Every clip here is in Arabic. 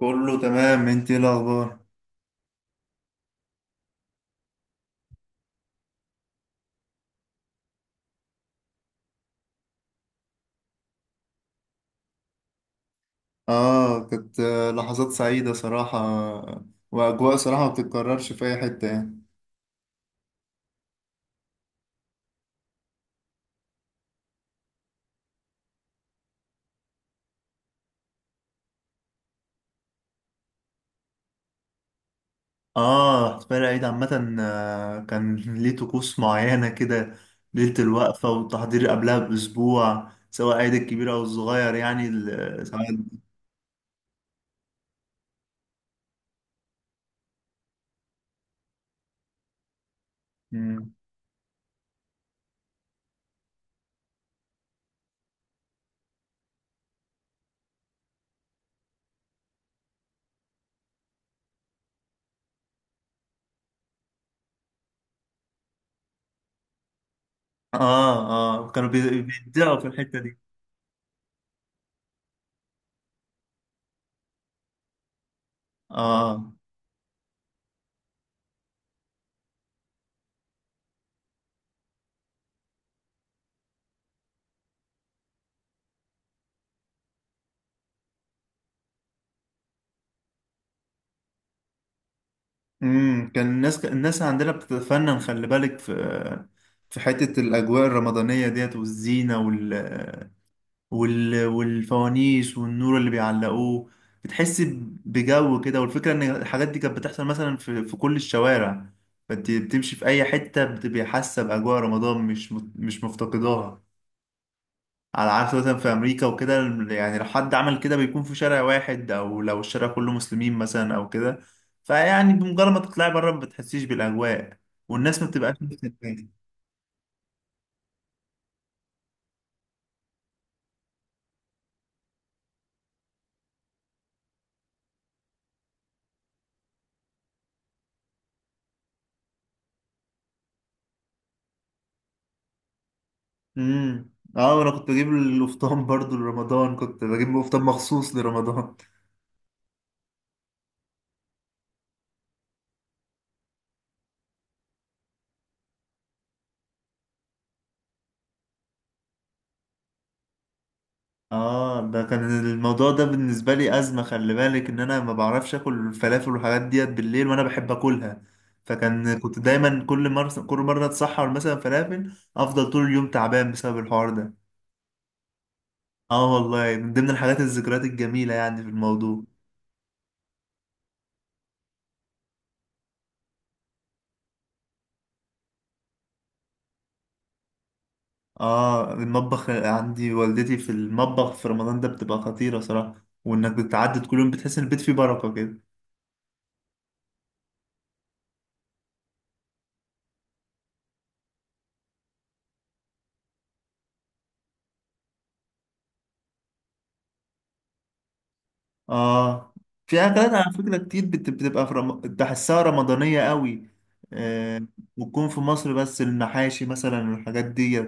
كله تمام انت ايه الاخبار؟ اه كانت لحظات سعيده صراحه. واجواء صراحه ما بتتكررش في اي حته يعني. اه احتفال العيد عامه كان ليه طقوس معينه كده. ليله الوقفه والتحضير قبلها باسبوع سواء العيد الكبير او الصغير يعني سواء. مم. اه اه كانوا بيبدعوا في الحته دي. اه كان الناس عندنا بتتفنن خلي بالك في في حتة الأجواء الرمضانية ديت والزينة والفوانيس والنور اللي بيعلقوه. بتحس بجو كده والفكرة إن الحاجات دي كانت بتحصل مثلا في كل الشوارع. فأنت بتمشي في أي حتة بتبقى حاسة بأجواء رمضان مش مفتقداها. على عكس مثلا في امريكا وكده. يعني لو حد عمل كده بيكون في شارع واحد او لو الشارع كله مسلمين مثلا او كده. فيعني بمجرد ما تطلعي بره ما بتحسيش بالاجواء. والناس ما بتبقاش نفس الناس. امم. اه انا كنت بجيب القفطان برضو لرمضان كنت بجيب قفطان مخصوص لرمضان. اه ده كان الموضوع ده بالنسبه لي ازمه خلي بالك ان انا ما بعرفش اكل الفلافل والحاجات ديت بالليل وانا بحب اكلها. كنت دايما كل مره كل مره اتسحر مثلا فلافل افضل طول اليوم تعبان بسبب الحوار ده. اه والله من ضمن الحاجات الذكريات الجميلة يعني في الموضوع. اه المطبخ عندي والدتي في المطبخ في رمضان ده بتبقى خطيرة صراحة وانك بتعدي كل يوم بتحس ان البيت فيه بركة كده. اه في اكلات على فكرة كتير بتبقى تحسها رمضانية قوي. آه. وتكون في مصر بس المحاشي مثلا والحاجات دي.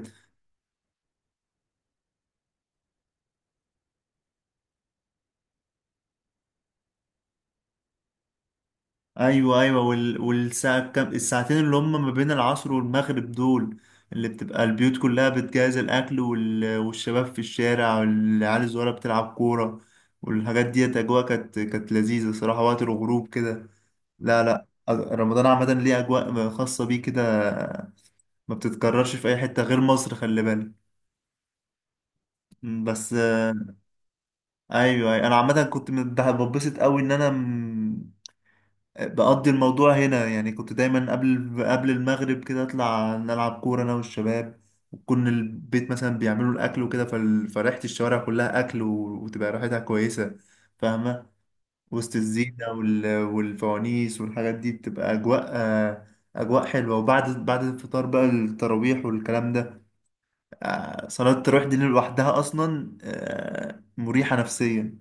ايوه، ايوه، والساعة كام الساعتين اللي هم ما بين العصر والمغرب دول. اللي بتبقى البيوت كلها بتجهز الاكل والشباب في الشارع والعيال الصغيره بتلعب كوره. والحاجات ديت اجواء كانت لذيذه صراحه وقت الغروب كده. لا، لا، رمضان عامه ليه اجواء خاصه بيه كده. ما بتتكررش في اي حته غير مصر خلي بالك. بس. ايوه، أيوة. انا عامه كنت بتبسط قوي ان انا بقضي الموضوع هنا يعني كنت دايما قبل المغرب كده اطلع نلعب كورة انا والشباب. وكنا البيت مثلا بيعملوا الاكل وكده فريحة الشوارع كلها اكل وتبقى ريحتها كويسة. فاهمة. وسط الزينة والفوانيس والحاجات دي بتبقى اجواء حلوة. وبعد الفطار بقى التراويح والكلام ده. صلاة التراويح دي لوحدها اصلا مريحة نفسيا.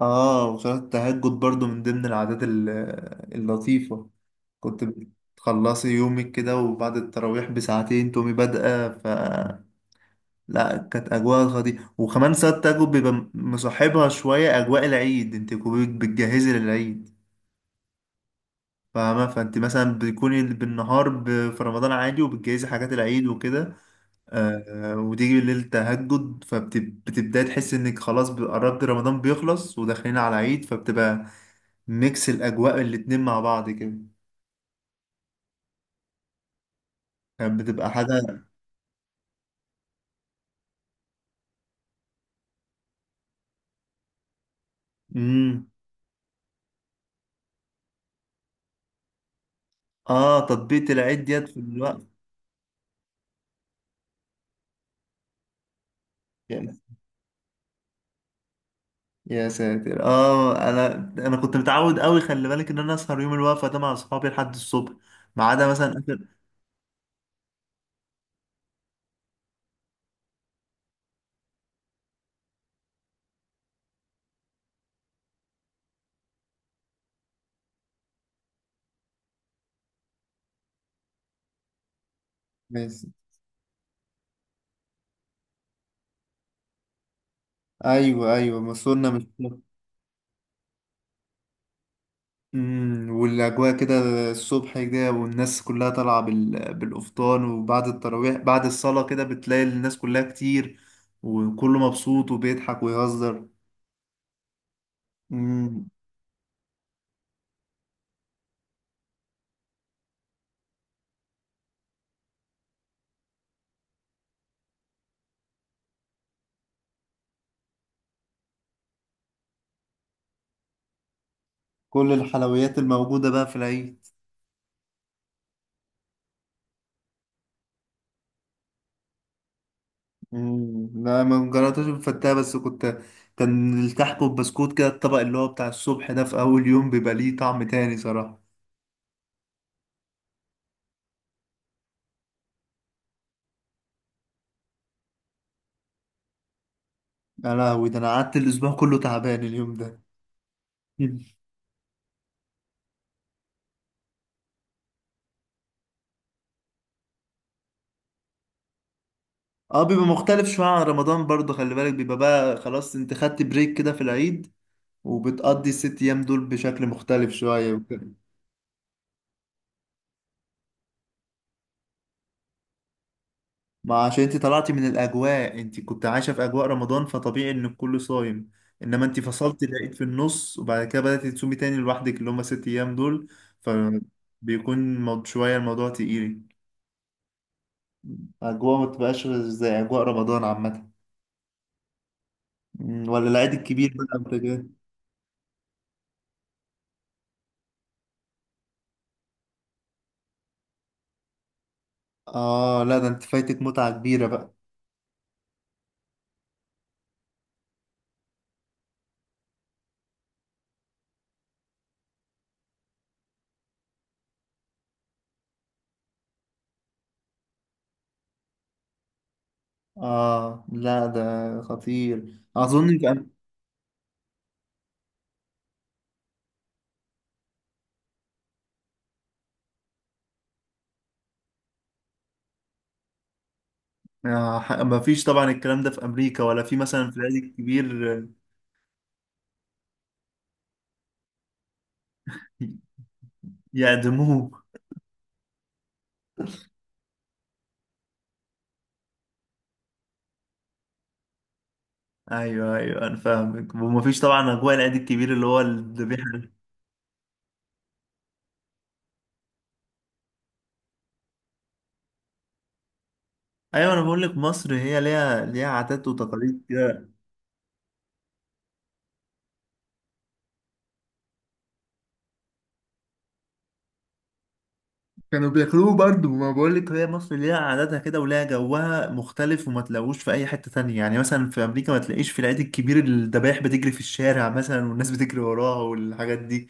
اه وصلاة التهجد برضو من ضمن العادات اللطيفة. كنت بتخلصي يومك كده وبعد التراويح بساعتين تقومي بادئة لا كانت أجواء خطيرة وكمان ساعات تجربة بيبقى مصاحبها شوية أجواء العيد انت كنت بتجهزي للعيد. فاهمة فانت مثلا بتكوني بالنهار في رمضان عادي وبتجهزي حاجات العيد وكده. وتيجي بالليل تهجد فبتبدأي تحسي انك خلاص قربت رمضان بيخلص وداخلين على العيد فبتبقى ميكس الأجواء الاتنين مع بعض كده. كانت بتبقى حاجة. مم. اه تطبيق العيد ديت في الوقت. يعني يا ساتر انا كنت متعود قوي خلي بالك ان انا اسهر يوم الوقفه ده مع اصحابي لحد الصبح. ما عدا مثلا اخر بس. ايوه، ايوه، مصرنا مش. والاجواء كده الصبح كده والناس كلها طالعه بالافطار وبعد التراويح بعد الصلاه كده بتلاقي الناس كلها كتير. وكله مبسوط وبيضحك ويهزر. امم كل الحلويات الموجوده بقى في العيد. مم. لا ما جربتش بفتها بس كنت كان الكحك والبسكوت كده الطبق اللي هو بتاع الصبح ده في أول يوم بيبقى ليه طعم تاني صراحة. يا لهوي ده أنا قعدت الأسبوع كله تعبان اليوم ده. مم. اه بيبقى مختلف شوية عن رمضان برضه خلي بالك بقى خلاص انت خدت بريك كده في العيد. وبتقضي ال6 أيام دول بشكل مختلف شوية. ما عشان انت طلعتي من الاجواء انت كنت عايشه في اجواء رمضان فطبيعي ان الكل صايم. انما انت فصلت لقيت في النص وبعد كده بدأتي تصومي تاني لوحدك اللي هم 6 ايام دول. فبيكون شويه الموضوع تقيل. اجواء ما تبقاش زي اجواء رمضان عامه. ولا العيد الكبير بقى قبل كده. اه لا ده انت فايتك متعه كبيره بقى. اه لا ده خطير اظن. ما فيش طبعا الكلام ده في امريكا ولا في مثلا في العيد الكبير. آه، يعدموه. ايوه، ايوه، انا فاهمك ومفيش طبعا اجواء العيد الكبير اللي هو الذبيحه ده. ايوه انا بقول لك مصر هي ليها عادات وتقاليد كده. كانوا بياكلوه برضه ما بقول لك هي مصر ليها عاداتها كده وليها جوها مختلف وما تلاقوش في اي حته تانية يعني مثلا في امريكا ما تلاقيش في العيد الكبير الذبايح بتجري في الشارع مثلا والناس بتجري وراها والحاجات دي.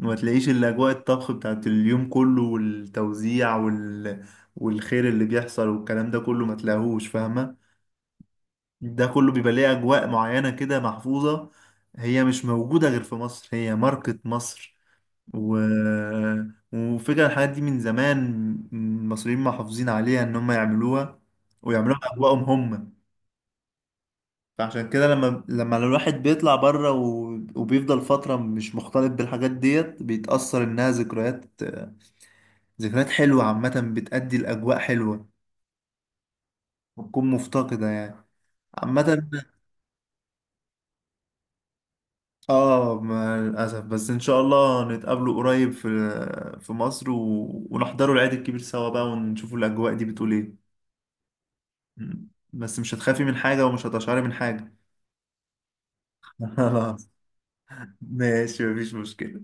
وما تلاقيش الاجواء الطبخ بتاعت اليوم كله والتوزيع والخير اللي بيحصل والكلام ده كله ما تلاقوهوش فاهمه. ده كله بيبقى ليه أجواء معينة كده محفوظة. هي مش موجودة غير في مصر هي ماركة مصر. و... وفكرة الحاجات دي من زمان المصريين محافظين عليها إن هم يعملوها ويعملوها بأجواءهم هم. فعشان كده لما الواحد بيطلع بره وبيفضل فترة مش مختلط بالحاجات ديت بيتأثر إنها ذكريات. ذكريات حلوة عامة بتأدي لأجواء حلوة. بتكون مفتقدة يعني عامة. اه مع الأسف بس إن شاء الله نتقابلوا قريب في مصر ونحضروا العيد الكبير سوا بقى ونشوفوا الأجواء دي بتقول إيه؟ م. بس مش هتخافي من حاجة ومش هتشعري من حاجة. خلاص. ماشي مفيش مشكلة.